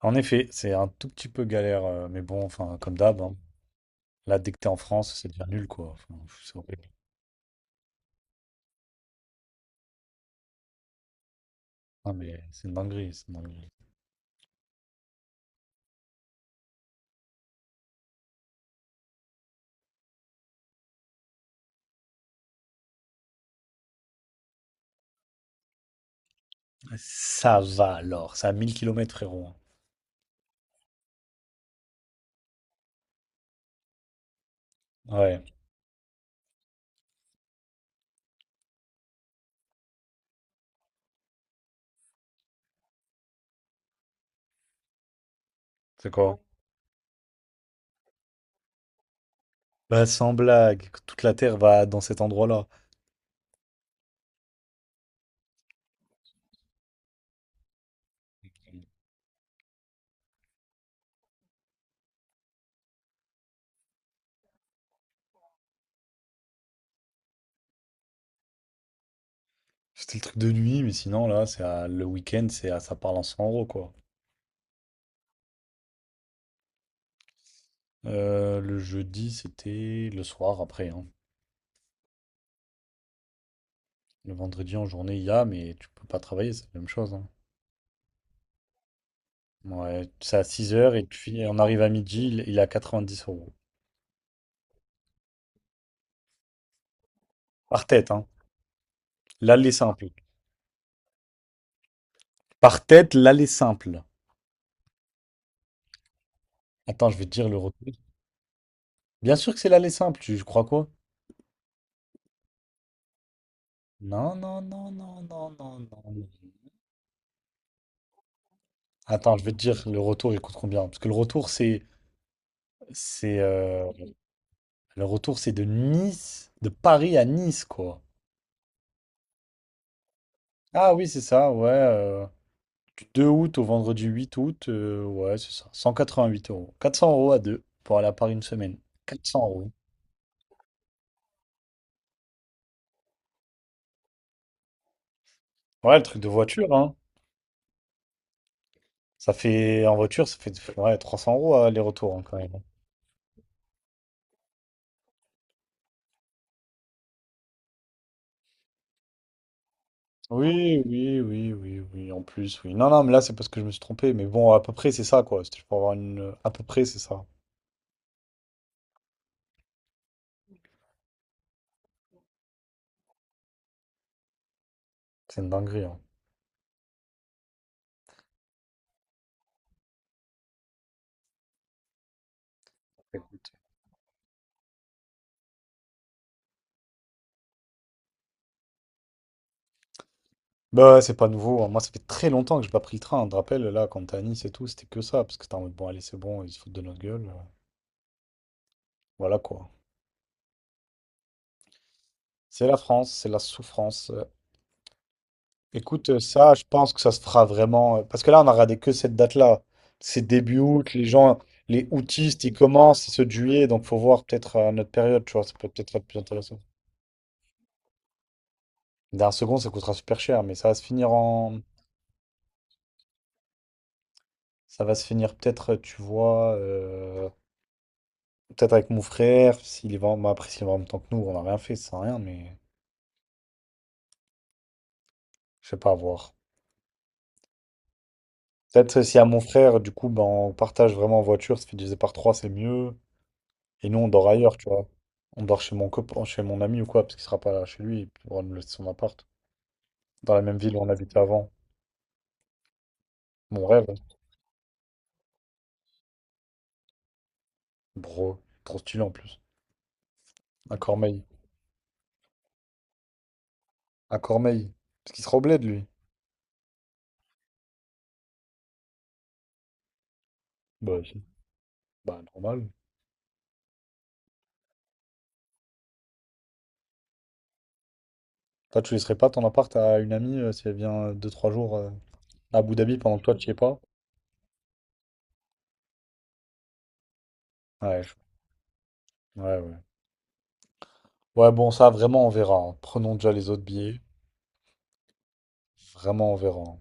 En effet, c'est un tout petit peu galère, mais bon, enfin, comme d'hab, hein. Là, dès que t'es en France, c'est déjà nul, quoi. Enfin, pff, c'est horrible. Ah, mais c'est une dinguerie, c'est une dinguerie. Ça va alors, c'est à 1 000 kilomètres, frérot, hein. Ouais, c'est quoi? Bah, sans blague, toute la Terre va dans cet endroit-là. C'était le truc de nuit, mais sinon, là, le week-end, ça parle en 100 euros, quoi. Le jeudi, c'était le soir après, hein. Le vendredi en journée, il y a, mais tu peux pas travailler, c'est la même chose, hein. Ouais, c'est à 6 heures et puis on arrive à midi, il est à 10 euros. Par tête, hein. L'aller simple. Par tête, l'aller simple. Attends, je vais te dire le retour. Bien sûr que c'est l'aller simple, tu crois quoi? Non, non, non, non, non, non, non. Non. Attends, je vais te dire le retour, il coûte combien? Parce que le retour, c'est, le retour, c'est de Nice, de Paris à Nice, quoi. Ah oui, c'est ça, ouais. Du 2 août au vendredi 8 août, ouais, c'est ça. 188 euros. 400 euros à deux pour aller à Paris une semaine. 400 euros. Ouais, le truc de voiture, hein. Ça fait, en voiture, ça fait ouais, 300 euros aller-retour, hein, quand même. Oui, oui, oui, oui, oui, en plus, oui. Non, non, mais là, c'est parce que je me suis trompé. Mais bon, à peu près, c'est ça, quoi. C'était pour avoir une. À peu près, c'est ça. C'est une dinguerie, hein. Écoute. Bah, ouais, c'est pas nouveau, hein. Moi, ça fait très longtemps que j'ai pas pris le train. Je te rappelle, là, quand t'es à Nice et tout, c'était que ça. Parce que t'es en mode, bon, allez, c'est bon, ils se foutent de notre gueule. Voilà, quoi. C'est la France, c'est la souffrance. Écoute, ça, je pense que ça se fera vraiment. Parce que là, on a regardé que cette date-là. C'est début août, les gens, les aoûtistes, ils commencent, c'est ce juillet, donc faut voir peut-être à notre période, tu vois, ça peut peut-être être plus intéressant. D'un second, ça coûtera super cher, mais ça va se finir en. Ça va se finir peut-être, tu vois, peut-être avec mon frère, bah, après, s'il va en même temps que nous, on n'a rien fait, ça sert à rien, mais je sais pas, à voir. Peut-être si à mon frère, du coup, ben, on partage vraiment en voiture, ça fait diviser par trois, c'est mieux. Et nous, on dort ailleurs, tu vois. On dort chez mon copain, chez mon ami ou quoi, parce qu'il sera pas là chez lui, il pourra nous laisser son appart. Dans la même ville où on habitait avant. Mon rêve, bro, trop stylé en plus. À Cormeil. À Cormeil. Parce qu'il sera au bled, lui. Bah, si. Bah, normal. Toi, tu laisserais pas ton appart à une amie si elle vient deux trois jours à Abu Dhabi pendant que toi, tu y es pas? Ouais, ouais, ouais. Ouais, bon, ça, vraiment, on verra, hein. Prenons déjà les autres billets. Vraiment, on verra, hein.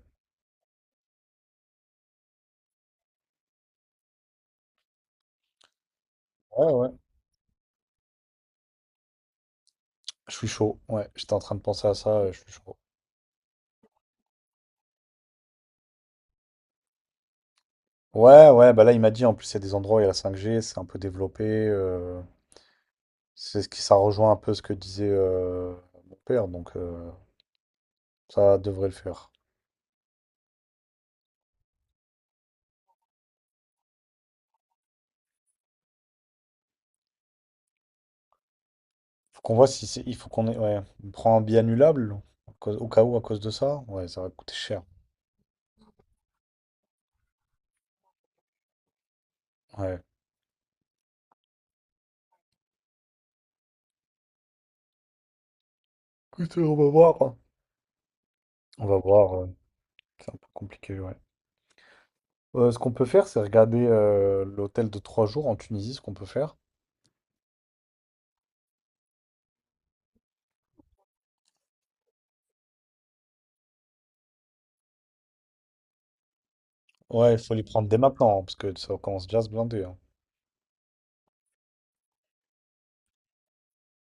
Ouais, ouais. Je suis chaud. Ouais, j'étais en train de penser à ça, je suis chaud. Ouais, ouais, bah là, il m'a dit, en plus, il y a des endroits où il y a la 5G, c'est un peu développé. C'est ce qui, ça rejoint un peu ce que disait mon père, donc ça devrait le faire. Faut qu'on voit si c'est, il faut qu'on ait, ouais, on prend un billet annulable, au cas où, à cause de ça. Ouais, ça va coûter cher. Ouais. Écoute, on va voir, hein. On va voir, c'est un peu compliqué, ouais. Ce qu'on peut faire, c'est regarder l'hôtel de 3 jours en Tunisie, ce qu'on peut faire. Ouais, il faut les prendre dès maintenant, parce que ça commence déjà à se blinder, hein.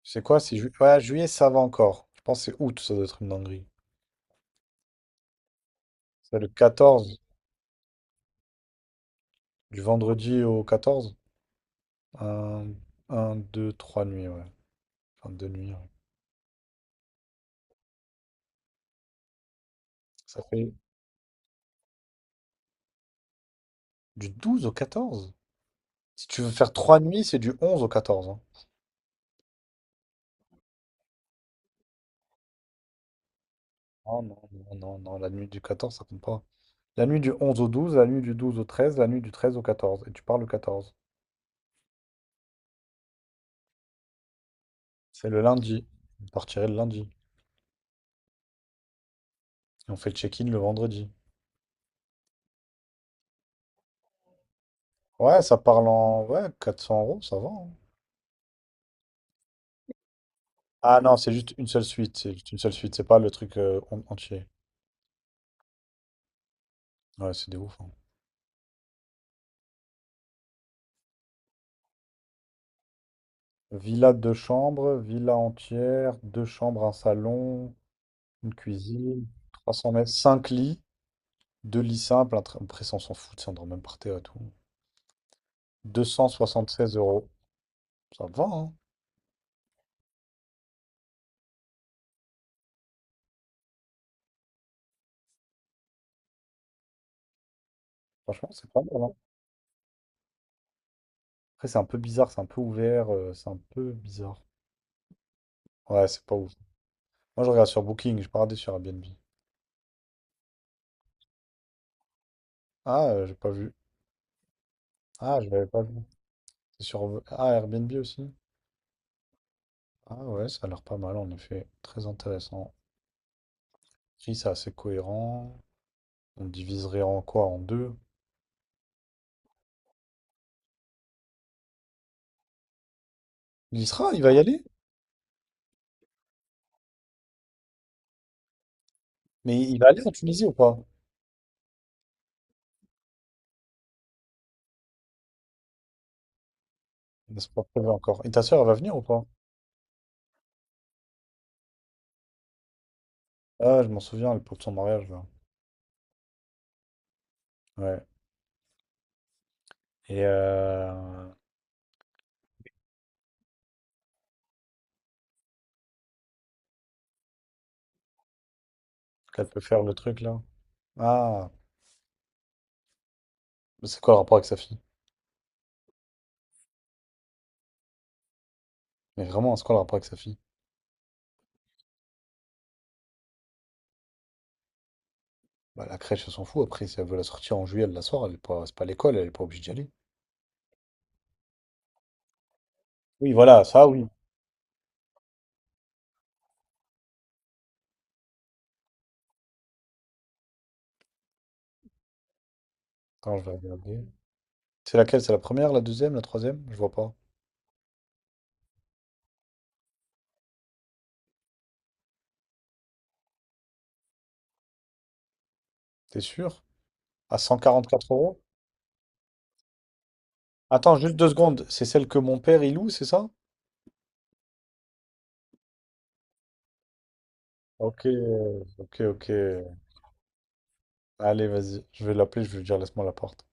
C'est quoi? Ouais, juillet, ça va encore. Je pense que c'est août, ça doit être une dinguerie. C'est le 14, du vendredi au 14. Un, 2, 3 nuits, ouais. Enfin, 2 nuits, ouais. Ça fait du 12 au 14. Si tu veux faire 3 nuits, c'est du 11 au 14, hein. Oh non, non, non, non, la nuit du 14 ça compte pas. La nuit du 11 au 12, la nuit du 12 au 13, la nuit du 13 au 14, et tu pars le 14. C'est le lundi. Vous partirez le lundi. Et on fait le check-in le vendredi. Ouais, ouais, 400 euros, ça va, hein. Ah non, c'est juste une seule suite. C'est juste une seule suite. C'est pas le truc entier. Ouais, c'est des ouf, hein. Villa deux chambres, villa entière, deux chambres, un salon, une cuisine, 300 mètres, 5 lits, deux lits simples. Après, ça, on s'en fout, ça, on dort même par terre et tout. 276 euros. Ça va, hein. Franchement, c'est pas mal, hein. Après, c'est un peu bizarre, c'est un peu ouvert, c'est un peu bizarre. Ouais, c'est pas ouf. Moi, je regarde sur Booking, je pas regardé sur Airbnb. Ah, j'ai pas vu. Ah, je l'avais pas vu. C'est sur ah, Airbnb aussi. Ah ouais, ça a l'air pas mal en effet. Très intéressant. Après, c'est assez cohérent. On le diviserait en quoi? En deux? Il y sera, il va y aller? Mais il va aller en Tunisie ou pas? C'est pas prévu encore. Et ta soeur, elle va venir ou pas? Ah, je m'en souviens, elle pour son mariage là. Ouais. Et qu'elle peut faire le truc là? Ah, mais c'est quoi le rapport avec sa fille? Mais vraiment, c'est quoi le rapport avec sa fille? Bah, la crèche, elle s'en fout. Après, si elle veut la sortir en juillet, elle la sort. Elle est pas, c'est pas l'école, elle est pas obligée d'y aller. Oui, voilà, ça oui. Attends, je vais regarder. C'est laquelle? C'est la première, la deuxième, la troisième? Je vois pas. T'es sûr? À 144 euros? Attends, juste 2 secondes. C'est celle que mon père il loue, c'est ça? Ok, ok, ok. Allez, vas-y. Je vais l'appeler, je vais lui dire laisse-moi la porte.